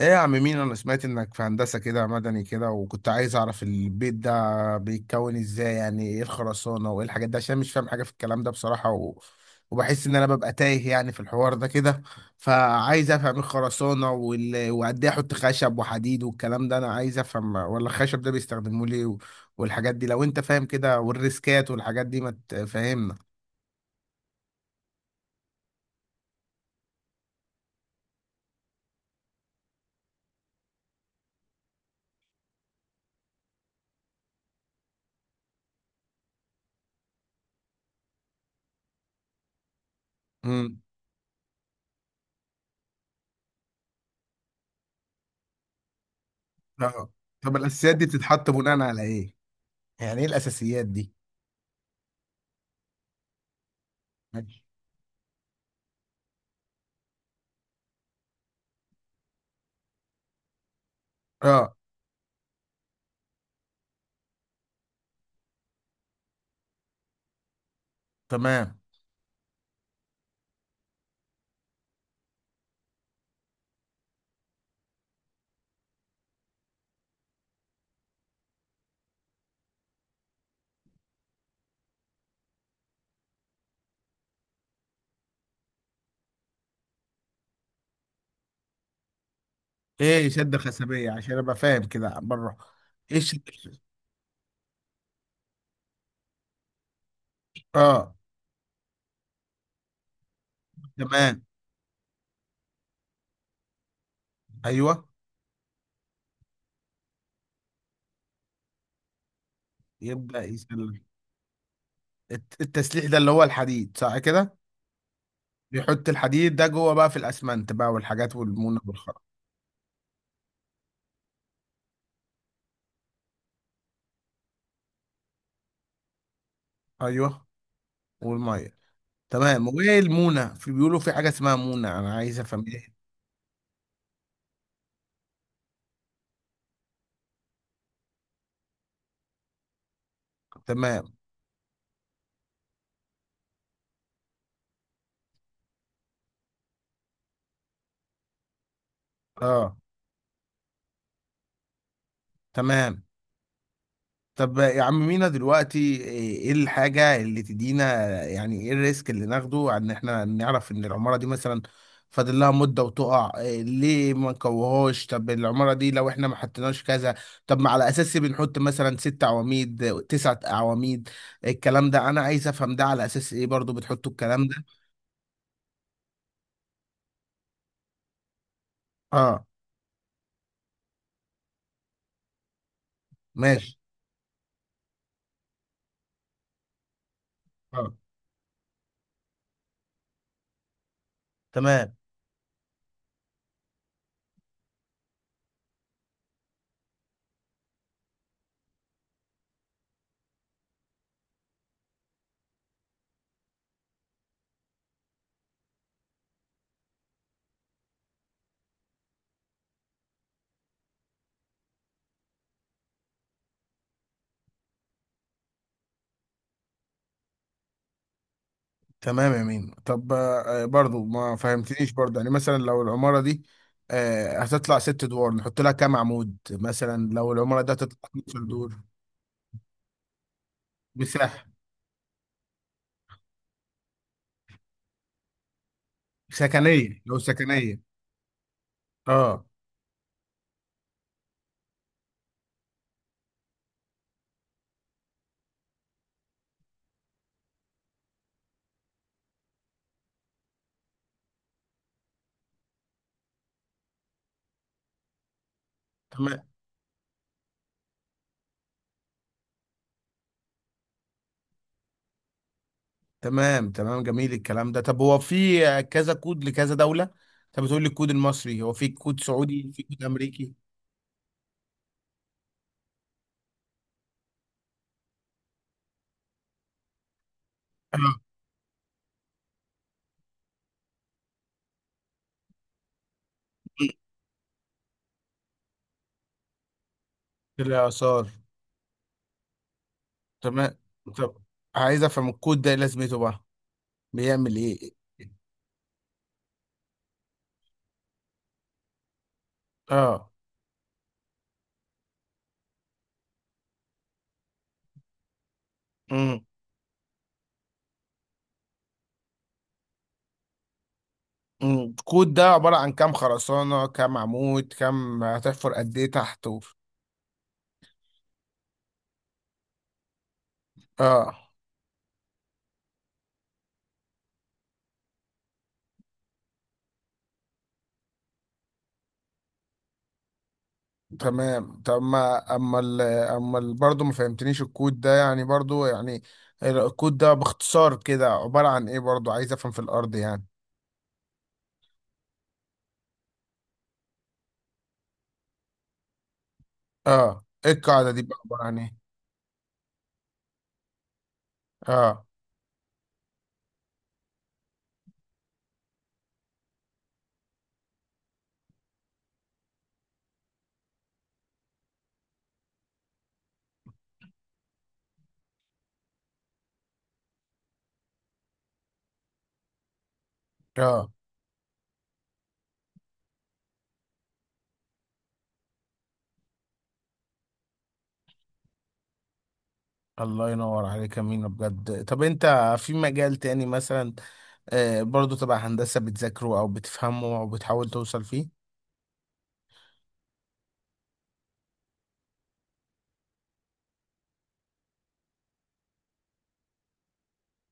ايه يا عم مين، انا سمعت انك في هندسة كده، مدني كده، وكنت عايز اعرف البيت ده بيتكون ازاي. يعني ايه الخرسانة وايه الحاجات دي؟ عشان مش فاهم حاجة في الكلام ده بصراحة وبحس ان انا ببقى تايه يعني في الحوار ده كده. فعايز افهم ايه الخرسانة وقد ايه احط خشب وحديد والكلام ده، انا عايز افهم. ولا الخشب ده بيستخدموه ليه والحاجات دي، لو انت فاهم كده والريسكات والحاجات دي ما تفهمنا. امم. اه. طب الاساسيات دي بتتحط بناء على ايه؟ يعني ايه الاساسيات دي؟ ماشي. اه. تمام. ايه شدة خشبية عشان ابقى فاهم كده بره؟ ايه الشدة الخشبية؟ اه. تمام. ايوه. يبدأ يسلم. التسليح ده اللي هو الحديد صح كده؟ بيحط الحديد ده جوه بقى في الاسمنت بقى والحاجات والمونة والخرق. ايوه. والميه. تمام. وايه المونة؟ في بيقولوا في حاجة اسمها مونة، انا عايز افهم ايه. تمام. اه. تمام. طب يا عم مينا دلوقتي، ايه الحاجة اللي تدينا، يعني ايه الريسك اللي ناخده عن ان احنا نعرف ان العمارة دي مثلا فاضل لها مدة وتقع؟ إيه ليه ما نكوهوش؟ طب العمارة دي لو احنا ما حطيناش كذا. طب ما على اساس إيه بنحط مثلا ست عواميد، تسعة عواميد؟ الكلام ده انا عايز افهم ده على اساس ايه برضو بتحطوا الكلام ده. اه. ماشي. اه. تمام. تمام يا مين. طب آه، برضو ما فهمتنيش برضو، يعني مثلا لو العمارة دي آه، هتطلع ست ادوار، نحط لها كام عمود؟ مثلا لو العمارة دي هتطلع 12 دور. مساحة. سكنية، لو سكنية. اه. تمام. تمام. تمام جميل الكلام ده. طب هو في آه، كذا كود لكذا دولة؟ انت بتقول لي الكود المصري، هو في كود سعودي، في كود امريكي؟ آه. في الآثار. تمام. طب عايز افهم الكود ده إيه لازمته بقى، بيعمل ايه؟ اه. كود ده عبارة عن كام خرسانة، كام عمود، كام هتحفر قد ايه تحت؟ اه. تمام. طب ما برضه ما فهمتنيش الكود ده يعني، برضه يعني الكود ده باختصار كده عبارة عن ايه؟ برضه عايز افهم، في الارض يعني. اه. ايه القاعدة دي بقى عبارة عن ايه؟ اه. اه. الله ينور عليك يا مينا بجد. طب انت في مجال تاني مثلا آه، برضه تبع هندسة، بتذاكره او بتفهمه او بتحاول توصل فيه؟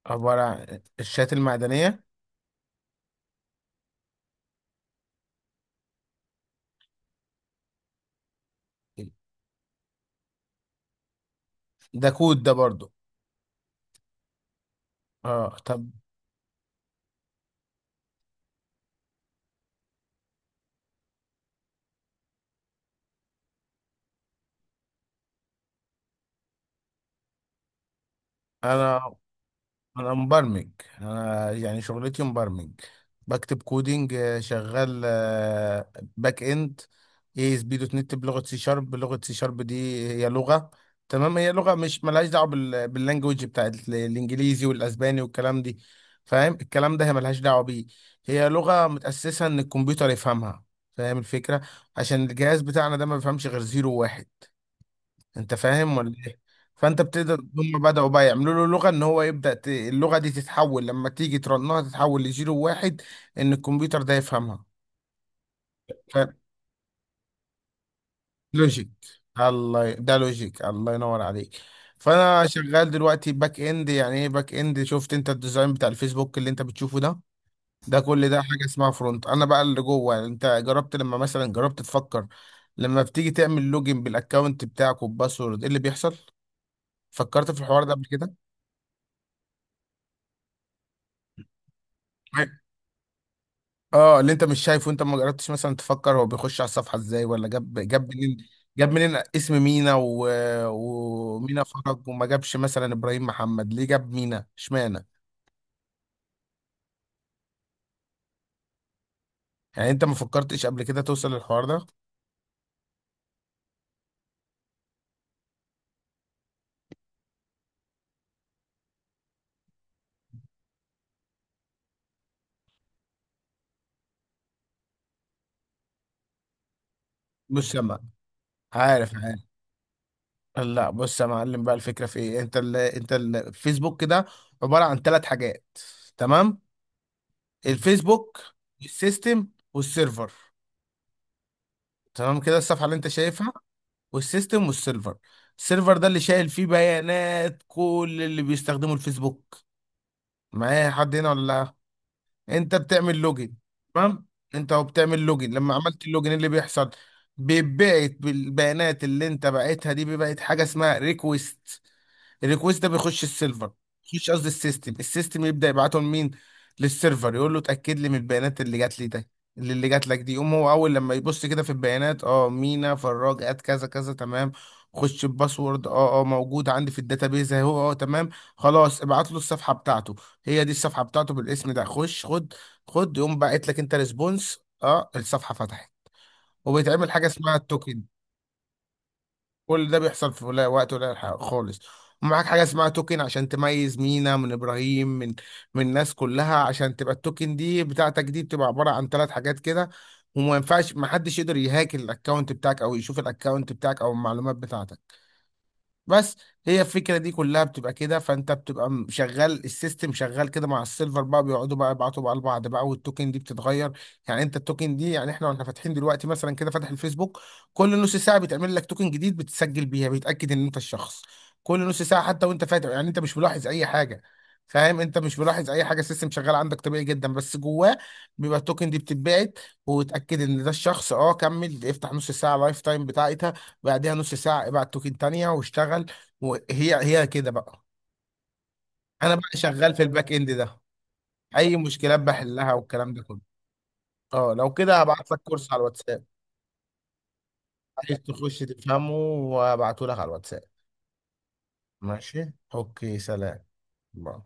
عبارة عن الشات المعدنية؟ ده كود ده برضو؟ اه. طب. انا انا مبرمج. انا يعني شغلتي مبرمج. بكتب كودينج. آه، شغال آه، باك اند. اي اس بي دوت نت، بلغه سي شارب. لغه سي شارب دي هي لغه. تمام. هي لغه مش ملهاش دعوه باللانجوج بتاعت الانجليزي والاسباني والكلام دي، فاهم الكلام ده؟ هي ملهاش دعوه بيه. هي لغه متاسسه ان الكمبيوتر يفهمها، فاهم الفكره؟ عشان الجهاز بتاعنا ده ما بيفهمش غير زيرو وواحد، انت فاهم ولا ايه؟ فانت بتقدر، هم بدأوا بقى يعملوا له لغة ان هو يبدأ اللغة دي تتحول، لما تيجي ترنها تتحول لزيرو واحد، ان الكمبيوتر ده يفهمها. ف... لوجيك. ده لوجيك، الله ينور عليك. فانا شغال دلوقتي باك اند. يعني ايه باك اند؟ شفت انت الديزاين بتاع الفيسبوك اللي انت بتشوفه ده؟ ده كل ده حاجة اسمها فرونت. انا بقى اللي جوه. انت جربت لما مثلا جربت تفكر، لما بتيجي تعمل لوجن بالاكونت بتاعك وباسورد، ايه اللي بيحصل؟ فكرت في الحوار ده قبل كده؟ اه. اللي انت مش شايفه، انت ما جربتش مثلا تفكر هو بيخش على الصفحه ازاي، ولا جاب منين، جاب منين اسم مينا ومينا فرج، وما جابش مثلا ابراهيم محمد، ليه جاب مينا اشمعنى؟ يعني انت ما فكرتش قبل كده توصل للحوار ده؟ بص يا معلم. عارف، عارف. لا بص يا معلم بقى، الفكره في ايه. انت الفيسبوك كده عباره عن ثلاث حاجات، تمام؟ الفيسبوك، السيستم، والسيرفر. تمام كده. الصفحه اللي انت شايفها والسيستم والسيرفر. السيرفر ده اللي شايل فيه بيانات كل اللي بيستخدموا الفيسبوك. معايا حد هنا ولا لا؟ انت بتعمل لوجن. تمام. انت وبتعمل لوجن، لما عملت اللوجن إيه اللي بيحصل؟ بيتبعت بالبيانات اللي انت بعتها دي، بيبعت حاجه اسمها ريكويست. الريكوست ده بيخش السيرفر، يخش قصدي السيستم. السيستم يبدا يبعته لمين؟ للسيرفر، يقول له اتاكد لي من البيانات اللي جات لي ده. اللي، اللي جات لك دي، يقوم هو اول لما يبص كده في البيانات، اه مينا فراج ات كذا كذا، تمام، خش الباسورد، اه اه موجود عندي في الداتابيز اهو، اه تمام، خلاص ابعت له الصفحه بتاعته. هي دي الصفحه بتاعته بالاسم ده، خش خد. خد. يقوم باعت لك انت ريسبونس، اه الصفحه فتحت، وبيتعمل حاجه اسمها التوكن. كل ده بيحصل في قليل، وقت قليل خالص. ومعاك حاجة اسمها توكن، عشان تميز مينا من إبراهيم، من الناس كلها. عشان تبقى التوكن دي بتاعتك دي بتبقى عبارة عن ثلاث حاجات كده، وما ينفعش، ما حدش يقدر يهاك الأكونت بتاعك أو يشوف الأكونت بتاعك أو المعلومات بتاعتك بس. هي الفكره دي كلها بتبقى كده. فانت بتبقى شغال، السيستم شغال كده مع السيلفر بقى، بيقعدوا بقى يبعتوا بقى لبعض بقى، والتوكن دي بتتغير. يعني انت التوكن دي، يعني احنا واحنا فاتحين دلوقتي مثلا كده فاتح الفيسبوك، كل نص ساعه بتعمل لك توكن جديد، بتسجل بيها، بيتاكد ان انت الشخص. كل نص ساعه، حتى وانت فاتح، يعني انت مش ملاحظ اي حاجه، فاهم؟ انت مش ملاحظ اي حاجه، السيستم شغال عندك طبيعي جدا، بس جواه بيبقى التوكن دي بتتبعت، وتاكد ان ده الشخص، اه كمل افتح. نص ساعه لايف تايم بتاعتها، بعدها نص ساعة ابعت توكن تانية واشتغل. وهي هي كده بقى. انا بقى شغال في الباك اند ده، اي مشكلات بحلها والكلام ده كله. اه لو كده هبعت لك كورس على الواتساب، عايز تخش تفهمه، وابعته لك على الواتساب. ماشي، اوكي، سلام. باي.